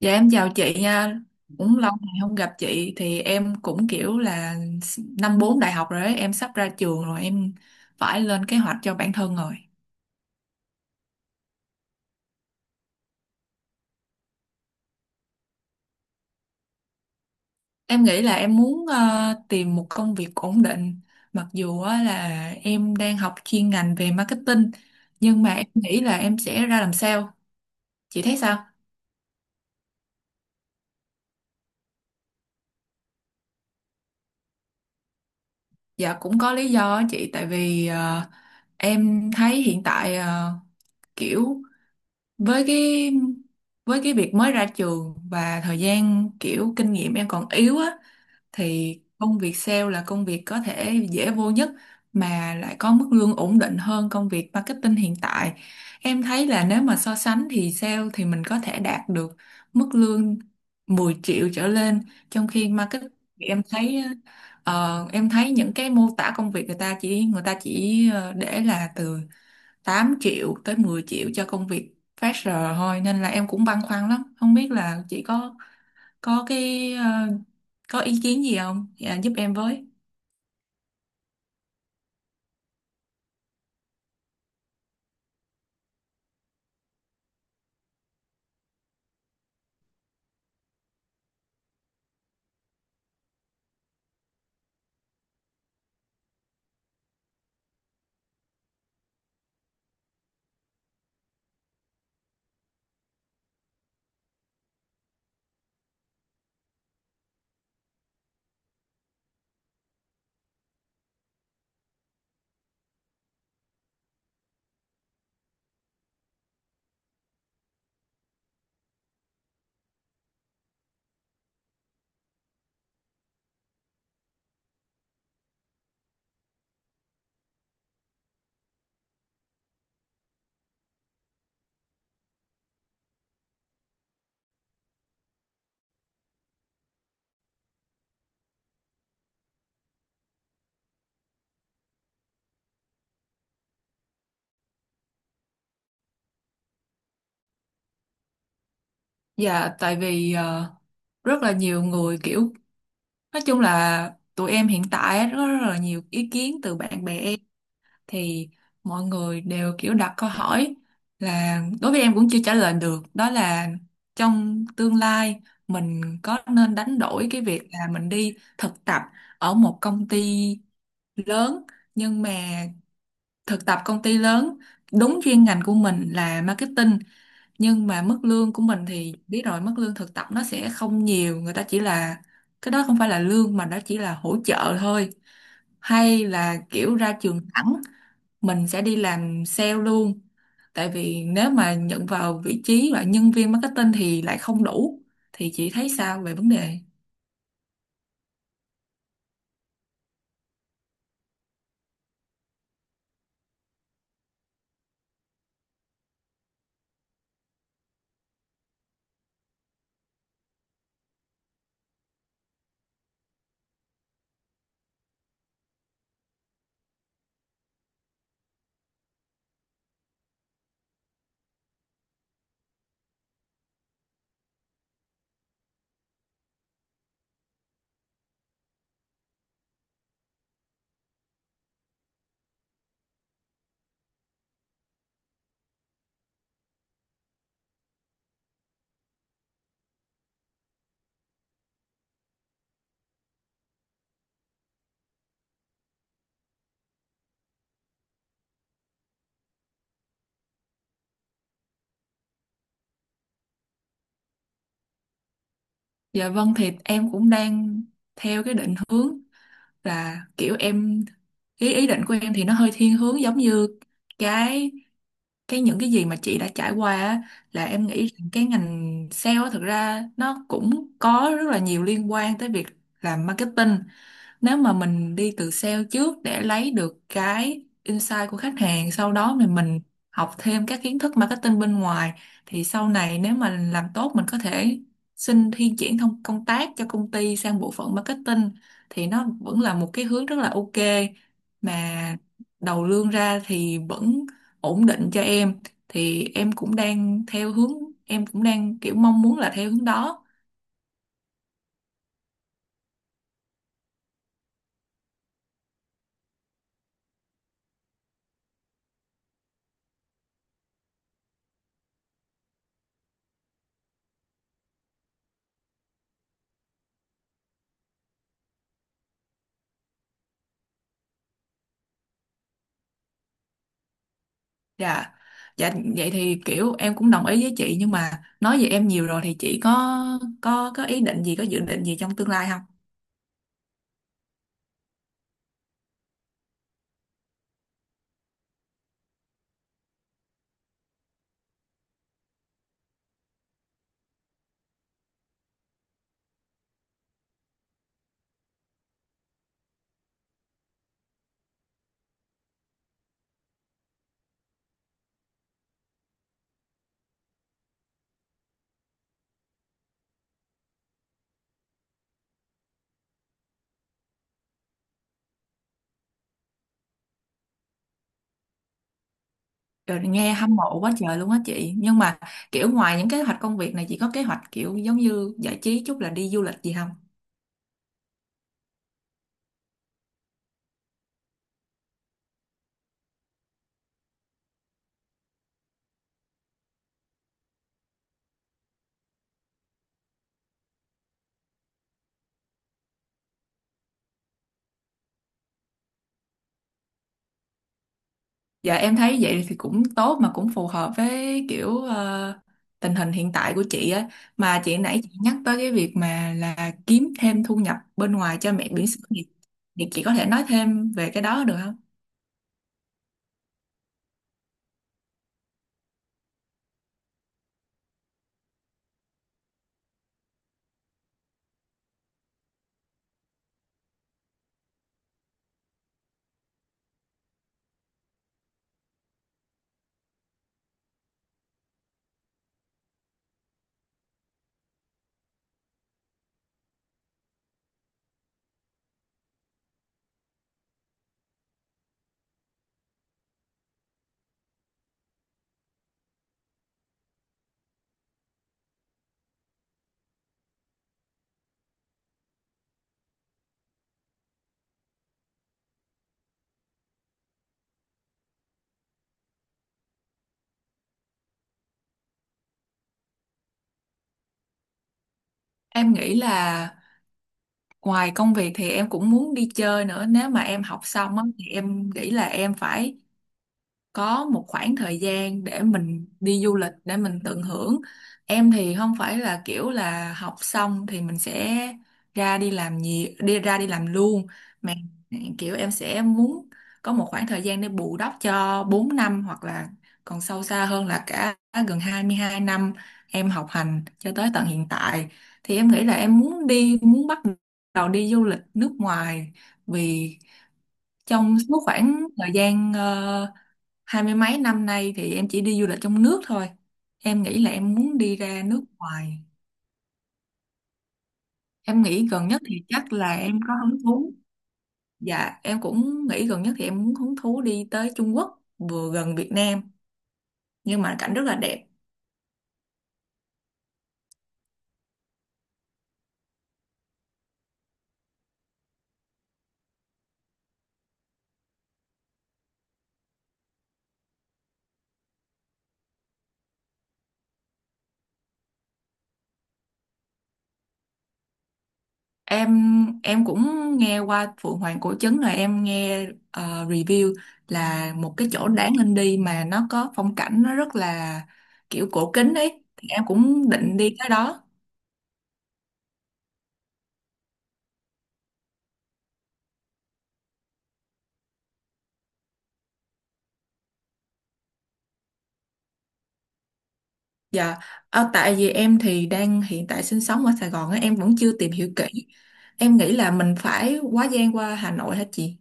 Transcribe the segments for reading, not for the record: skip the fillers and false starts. Dạ em chào chị nha, cũng lâu ngày không gặp chị thì em cũng kiểu là năm bốn đại học rồi ấy, em sắp ra trường rồi em phải lên kế hoạch cho bản thân rồi. Em nghĩ là em muốn tìm một công việc ổn định, mặc dù á là em đang học chuyên ngành về marketing nhưng mà em nghĩ là em sẽ ra làm sale. Chị thấy sao? Dạ cũng có lý do á chị, tại vì em thấy hiện tại kiểu với cái việc mới ra trường và thời gian kiểu kinh nghiệm em còn yếu á, thì công việc sale là công việc có thể dễ vô nhất mà lại có mức lương ổn định hơn công việc marketing hiện tại. Em thấy là nếu mà so sánh thì sale thì mình có thể đạt được mức lương 10 triệu trở lên, trong khi marketing thì em thấy những cái mô tả công việc người ta chỉ để là từ 8 triệu tới 10 triệu cho công việc phát giờ thôi, nên là em cũng băn khoăn lắm, không biết là chị có cái ờ, có ý kiến gì không, dạ, giúp em với. Dạ tại vì rất là nhiều người kiểu nói chung là tụi em hiện tại á, rất là nhiều ý kiến từ bạn bè em, thì mọi người đều kiểu đặt câu hỏi là đối với em cũng chưa trả lời được, đó là trong tương lai mình có nên đánh đổi cái việc là mình đi thực tập ở một công ty lớn, nhưng mà thực tập công ty lớn đúng chuyên ngành của mình là marketing, nhưng mà mức lương của mình thì biết rồi, mức lương thực tập nó sẽ không nhiều, người ta chỉ là cái đó không phải là lương mà đó chỉ là hỗ trợ thôi, hay là kiểu ra trường thẳng mình sẽ đi làm sale luôn, tại vì nếu mà nhận vào vị trí là nhân viên marketing thì lại không đủ. Thì chị thấy sao về vấn đề? Dạ vâng, thì em cũng đang theo cái định hướng là kiểu em, ý ý định của em thì nó hơi thiên hướng giống như cái cái những cái gì mà chị đã trải qua á, là em nghĩ rằng cái ngành sale á, thực ra nó cũng có rất là nhiều liên quan tới việc làm marketing. Nếu mà mình đi từ sale trước để lấy được cái insight của khách hàng, sau đó thì mình học thêm các kiến thức marketing bên ngoài, thì sau này nếu mà làm tốt mình có thể xin thi chuyển thông công tác cho công ty sang bộ phận marketing, thì nó vẫn là một cái hướng rất là ok mà đầu lương ra thì vẫn ổn định cho em. Thì em cũng đang theo hướng, em cũng đang kiểu mong muốn là theo hướng đó. Dạ, dạ, vậy thì kiểu em cũng đồng ý với chị, nhưng mà nói về em nhiều rồi thì chị có, có ý định gì, có dự định gì trong tương lai không? Trời, nghe hâm mộ quá trời luôn á chị, nhưng mà kiểu ngoài những kế hoạch công việc này, chị có kế hoạch kiểu giống như giải trí chút là đi du lịch gì không? Dạ em thấy vậy thì cũng tốt mà cũng phù hợp với kiểu tình hình hiện tại của chị á, mà chị nãy chị nhắc tới cái việc mà là kiếm thêm thu nhập bên ngoài cho mẹ bỉm sữa, thì chị có thể nói thêm về cái đó được không? Em nghĩ là ngoài công việc thì em cũng muốn đi chơi nữa. Nếu mà em học xong á, thì em nghĩ là em phải có một khoảng thời gian để mình đi du lịch, để mình tận hưởng. Em thì không phải là kiểu là học xong thì mình sẽ ra đi làm gì đi ra đi làm luôn, mà kiểu em sẽ muốn có một khoảng thời gian để bù đắp cho 4 năm, hoặc là còn sâu xa hơn là cả gần 22 năm em học hành cho tới tận hiện tại. Thì em nghĩ là em muốn bắt đầu đi du lịch nước ngoài, vì trong suốt khoảng thời gian hai mươi mấy năm nay thì em chỉ đi du lịch trong nước thôi. Em nghĩ là em muốn đi ra nước ngoài. Em nghĩ gần nhất thì chắc là em có hứng thú, dạ em cũng nghĩ gần nhất thì em muốn hứng thú đi tới Trung Quốc, vừa gần Việt Nam nhưng mà cảnh rất là đẹp. Em cũng nghe qua Phượng Hoàng Cổ Trấn rồi, em nghe review là một cái chỗ đáng lên đi, mà nó có phong cảnh nó rất là kiểu cổ kính ấy, thì em cũng định đi tới đó. Dạ, tại vì em thì đang hiện tại sinh sống ở Sài Gòn á, em vẫn chưa tìm hiểu kỹ. Em nghĩ là mình phải quá gian qua Hà Nội hả chị?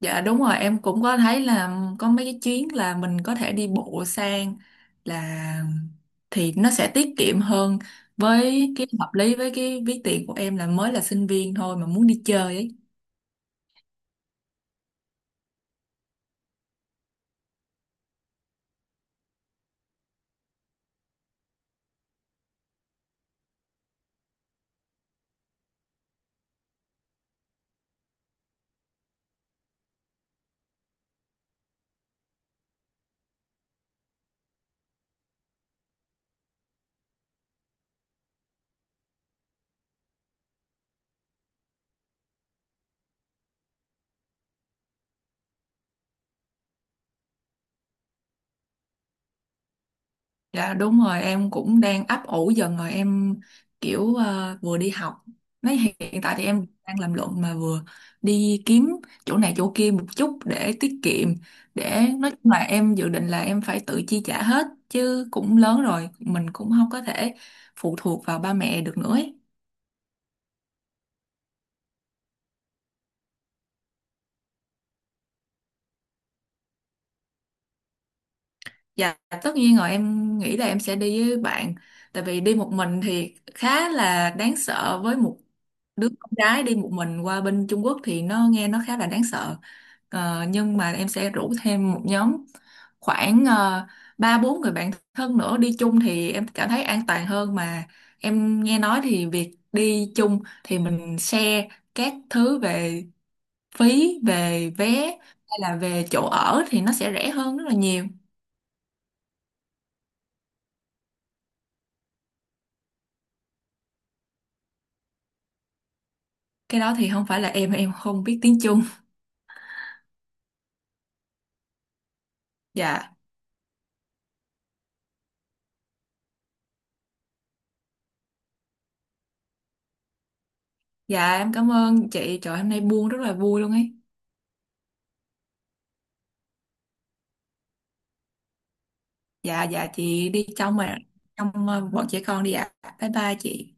Dạ đúng rồi, em cũng có thấy là có mấy cái chuyến là mình có thể đi bộ sang, là thì nó sẽ tiết kiệm hơn, với cái hợp lý với cái ví tiền của em là mới là sinh viên thôi mà muốn đi chơi ấy. Dạ đúng rồi, em cũng đang ấp ủ dần rồi, em kiểu vừa đi học, nói hiện tại thì em đang làm luận mà vừa đi kiếm chỗ này chỗ kia một chút để tiết kiệm, để nói chung là em dự định là em phải tự chi trả hết, chứ cũng lớn rồi mình cũng không có thể phụ thuộc vào ba mẹ được nữa ấy. Dạ tất nhiên rồi, em nghĩ là em sẽ đi với bạn. Tại vì đi một mình thì khá là đáng sợ, với một đứa con gái đi một mình qua bên Trung Quốc thì nó nghe nó khá là đáng sợ. Nhưng mà em sẽ rủ thêm một nhóm khoảng ba bốn người bạn thân nữa đi chung, thì em cảm thấy an toàn hơn mà. Em nghe nói thì việc đi chung thì mình share các thứ về phí, về vé, hay là về chỗ ở thì nó sẽ rẻ hơn rất là nhiều. Cái đó thì không phải là em không biết tiếng Trung. Dạ, dạ em cảm ơn chị, trời hôm nay buông rất là vui luôn ấy. Dạ, dạ chị đi trong mà trong ờ, bọn trẻ con đi ạ, bye bye chị.